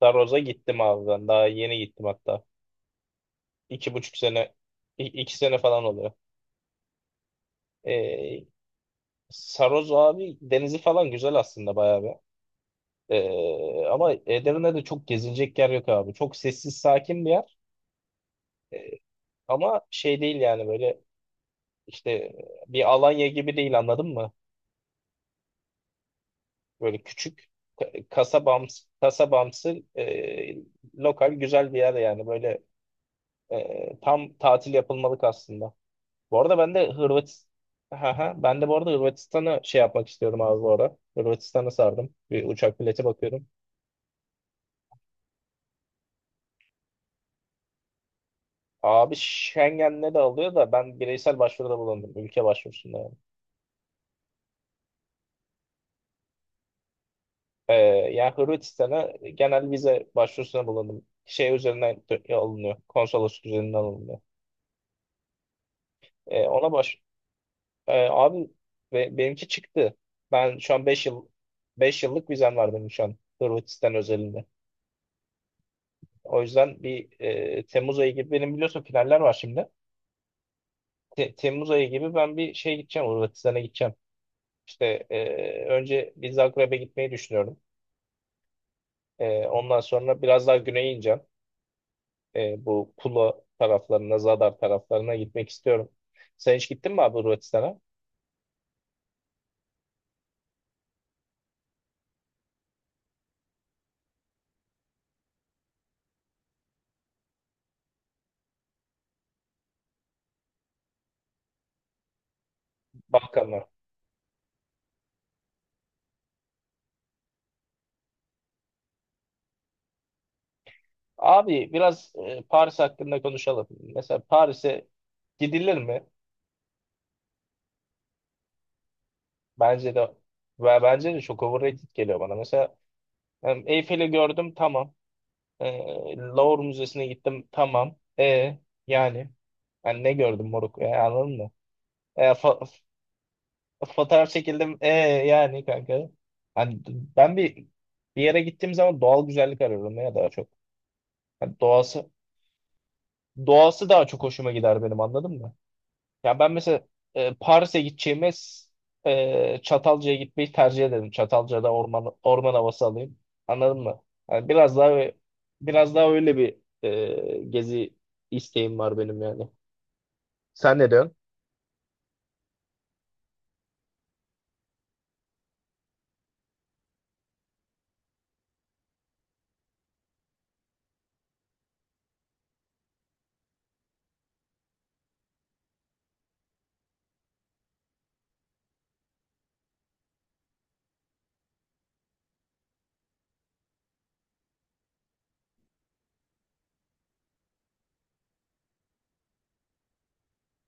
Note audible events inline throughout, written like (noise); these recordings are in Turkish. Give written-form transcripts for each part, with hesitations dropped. Daroz'a gittim abi ben. Daha yeni gittim hatta. 2,5 sene, 2 sene falan oluyor. Ee, Saroz abi denizi falan güzel aslında bayağı bir. Ama Edirne'de çok gezilecek yer yok abi. Çok sessiz, sakin bir yer. Ee, ama şey değil yani böyle işte bir Alanya gibi değil, anladın mı? Böyle küçük kasabamsı, kasabamsı, lokal güzel bir yer yani böyle, tam tatil yapılmalık aslında. Bu arada ben de Hırvatistan'a şey yapmak istiyorum abi bu ara. Hırvatistan'a sardım. Bir uçak bileti bakıyorum. Abi Schengen'le de alıyor da ben bireysel başvuruda bulundum. Ülke başvurusunda yani. Ee, yani Hırvatistan'a genel vize başvurusuna bulundum. Şey üzerinden alınıyor. Konsolosluk üzerinden alınıyor. Ee, ona baş... Abi ve benimki çıktı. Ben şu an 5 yıllık vizem var benim şu an Hırvatistan özelinde. O yüzden bir Temmuz ayı gibi benim biliyorsun finaller var şimdi. Temmuz ayı gibi ben bir şeye gideceğim, Hırvatistan'a gideceğim. İşte önce bir Zagreb'e gitmeyi düşünüyorum. Ondan sonra biraz daha güneye ineceğim. Bu Pula taraflarına, Zadar taraflarına gitmek istiyorum. Sen hiç gittin mi abi Hırvatistan'a? Balkanlar. Abi biraz Paris hakkında konuşalım. Mesela Paris'e gidilir mi? Bence de bence de çok overrated geliyor bana. Mesela Eyfel'i gördüm, tamam. E, Louvre Müzesi'ne gittim, tamam. Yani ben ne gördüm moruk, anladın mı? E, fo- Fotoğraf çekildim, yani kanka. Hani ben bir yere gittiğim zaman doğal güzellik arıyorum ya daha çok. Hani doğası doğası daha çok hoşuma gider benim, anladın mı? Ya ben mesela Paris'e gideceğime Çatalca'ya gitmeyi tercih ederim. Çatalca'da orman orman havası alayım. Anladın mı? Yani biraz daha öyle bir gezi isteğim var benim yani. Sen ne diyorsun?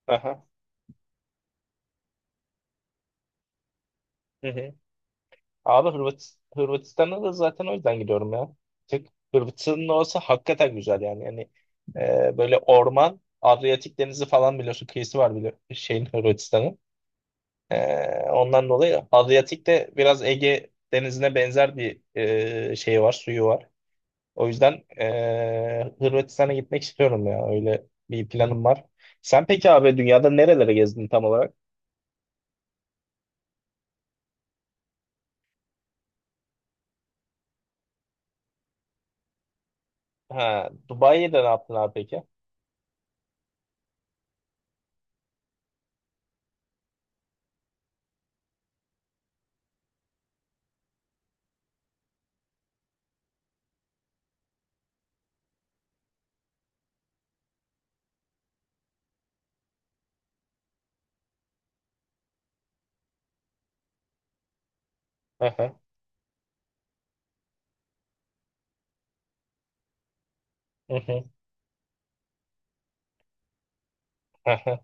Aha. Hı hı. Abi Hırvatistan'a da zaten o yüzden gidiyorum ya. Tek Hırvatistan'ın orası hakikaten güzel yani. Yani böyle orman, Adriyatik Denizi falan biliyorsun. Kıyısı var biliyor şeyin Hırvatistan'ın. Ondan dolayı Adriyatik de biraz Ege Denizi'ne benzer bir şey var, suyu var. O yüzden Hırvatistan'a gitmek istiyorum ya. Öyle bir planım var. Sen peki abi dünyada nerelere gezdin tam olarak? Ha, Dubai'de ne yaptın abi peki? Hı hı, hı hı, hı hı.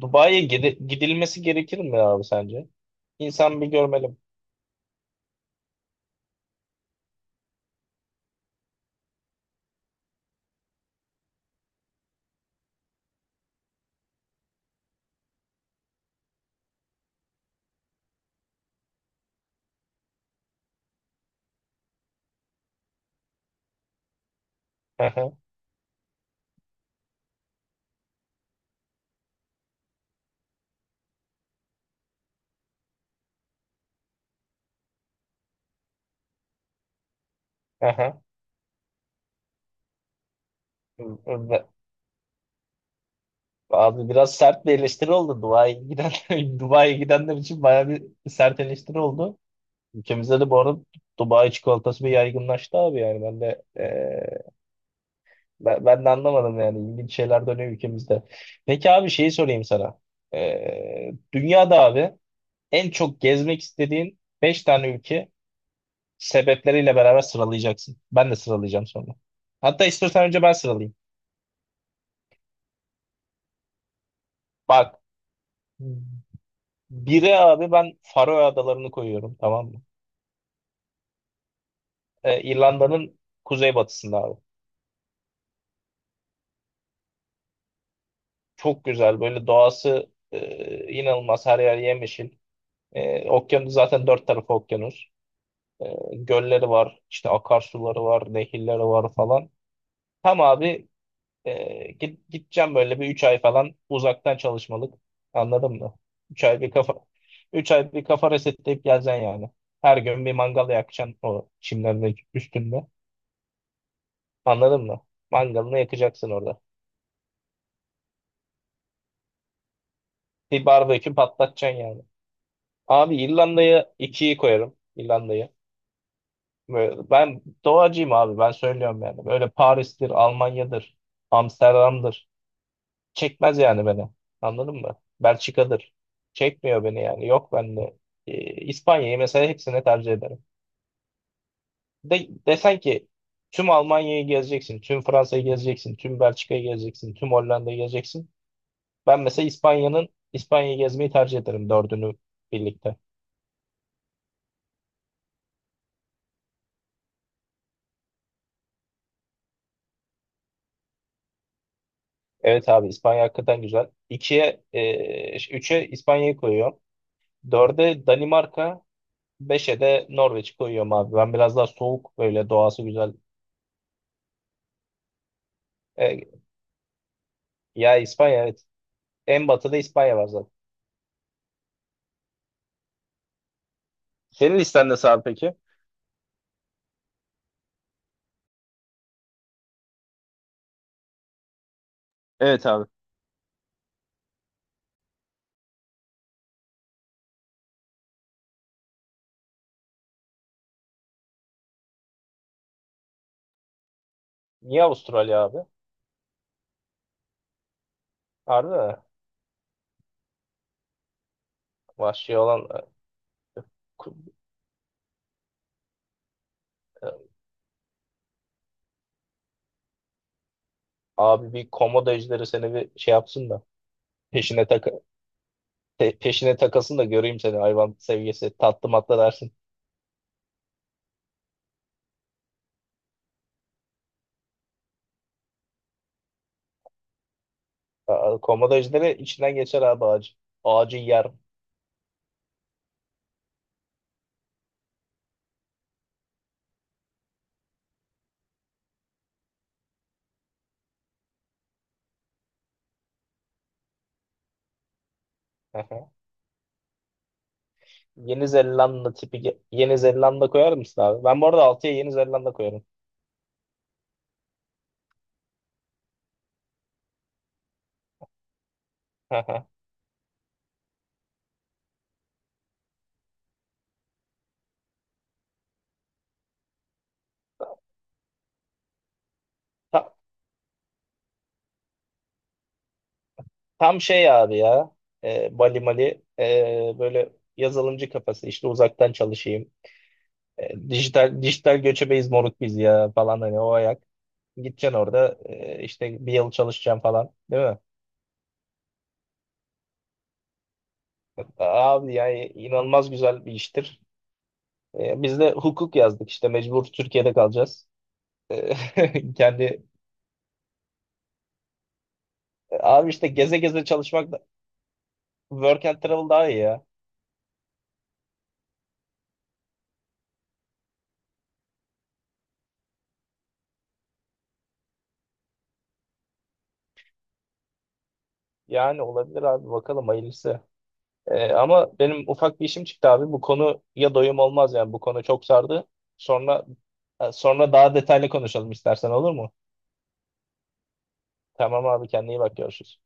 Dubai'ye gidilmesi gerekir mi abi sence? İnsan bir görmeli. Hı hı, hı hı. Ve- Abi biraz sert bir eleştiri oldu Dubai'ye giden (laughs) Dubai'ye gidenler için bayağı bir sert eleştiri oldu. Ülkemizde de bu arada Dubai çikolatası bir yaygınlaştı abi yani ben de ben de anlamadım yani ilginç şeyler dönüyor ülkemizde. Peki abi şeyi sorayım sana. Dünyada abi en çok gezmek istediğin 5 tane ülke sebepleriyle beraber sıralayacaksın. Ben de sıralayacağım sonra. Hatta istiyorsan önce ben sıralayayım. Bak biri abi ben Faroe Adalarını koyuyorum, tamam mı? İrlanda'nın kuzeybatısında abi. Çok güzel böyle doğası, inanılmaz her yer yemyeşil. Okyanus zaten dört tarafı okyanus. E, gölleri var, işte akarsuları var, nehirleri var falan. Tam abi gideceğim böyle bir 3 ay falan uzaktan çalışmalık. Anladın mı? Üç ay bir kafa üç ay bir kafa resetleyip geleceksin yani. Her gün bir mangal yakacaksın o çimlerin üstünde. Anladın mı? Mangalını yakacaksın orada. Bir barbekü patlatacaksın yani. Abi İrlanda'ya ikiyi koyarım. İrlanda'yı. Ve ben doğacıyım abi, ben söylüyorum yani. Böyle Paris'tir, Almanya'dır, Amsterdam'dır. Çekmez yani beni. Anladın mı? Belçika'dır. Çekmiyor beni yani. Yok bende. İspanya'yı mesela hepsine tercih ederim. Desen ki tüm Almanya'yı gezeceksin, tüm Fransa'yı gezeceksin, tüm Belçika'yı gezeceksin, tüm Hollanda'yı gezeceksin. Ben mesela İspanya'yı gezmeyi tercih ederim dördünü birlikte. Evet abi İspanya hakikaten güzel. İkiye, üçe İspanya'yı koyuyorum. Dörde Danimarka, beşe de Norveç koyuyorum abi. Ben biraz daha soğuk böyle doğası güzel. E, ya İspanya evet. En batıda İspanya var zaten. Senin listen nasıl abi peki? Evet abi. Niye Avustralya abi? Harbi mi? Vahşi olan e, ku- e, abi bir komodo ejderi seni bir şey yapsın da peşine tak peşine takasın da göreyim seni, hayvan sevgisi tatlı matlı dersin. Aa, Komodo ejderi içinden geçer abi ağacı. Ağacı yer. (laughs) Yeni Zelanda koyar mısın abi? Ben bu arada 6'ya Yeni Zelanda koyarım. (laughs) Ta- Tam şey abi ya. Bali Mali, böyle yazılımcı kafası İşte uzaktan çalışayım. Dijital dijital göçebeyiz moruk biz ya falan, hani o ayak. Gideceksin orada işte bir yıl çalışacaksın falan, değil mi? Abi yani inanılmaz güzel bir iştir. Biz de hukuk yazdık işte mecbur Türkiye'de kalacağız. (laughs) Kendi abi işte geze geze çalışmak da- Work and travel daha iyi ya. Yani olabilir abi, bakalım hayırlısı. Ama benim ufak bir işim çıktı abi. Bu konu ya doyum olmaz yani bu konu çok sardı. Sonra sonra daha detaylı konuşalım istersen, olur mu? Tamam abi kendine iyi bak, görüşürüz.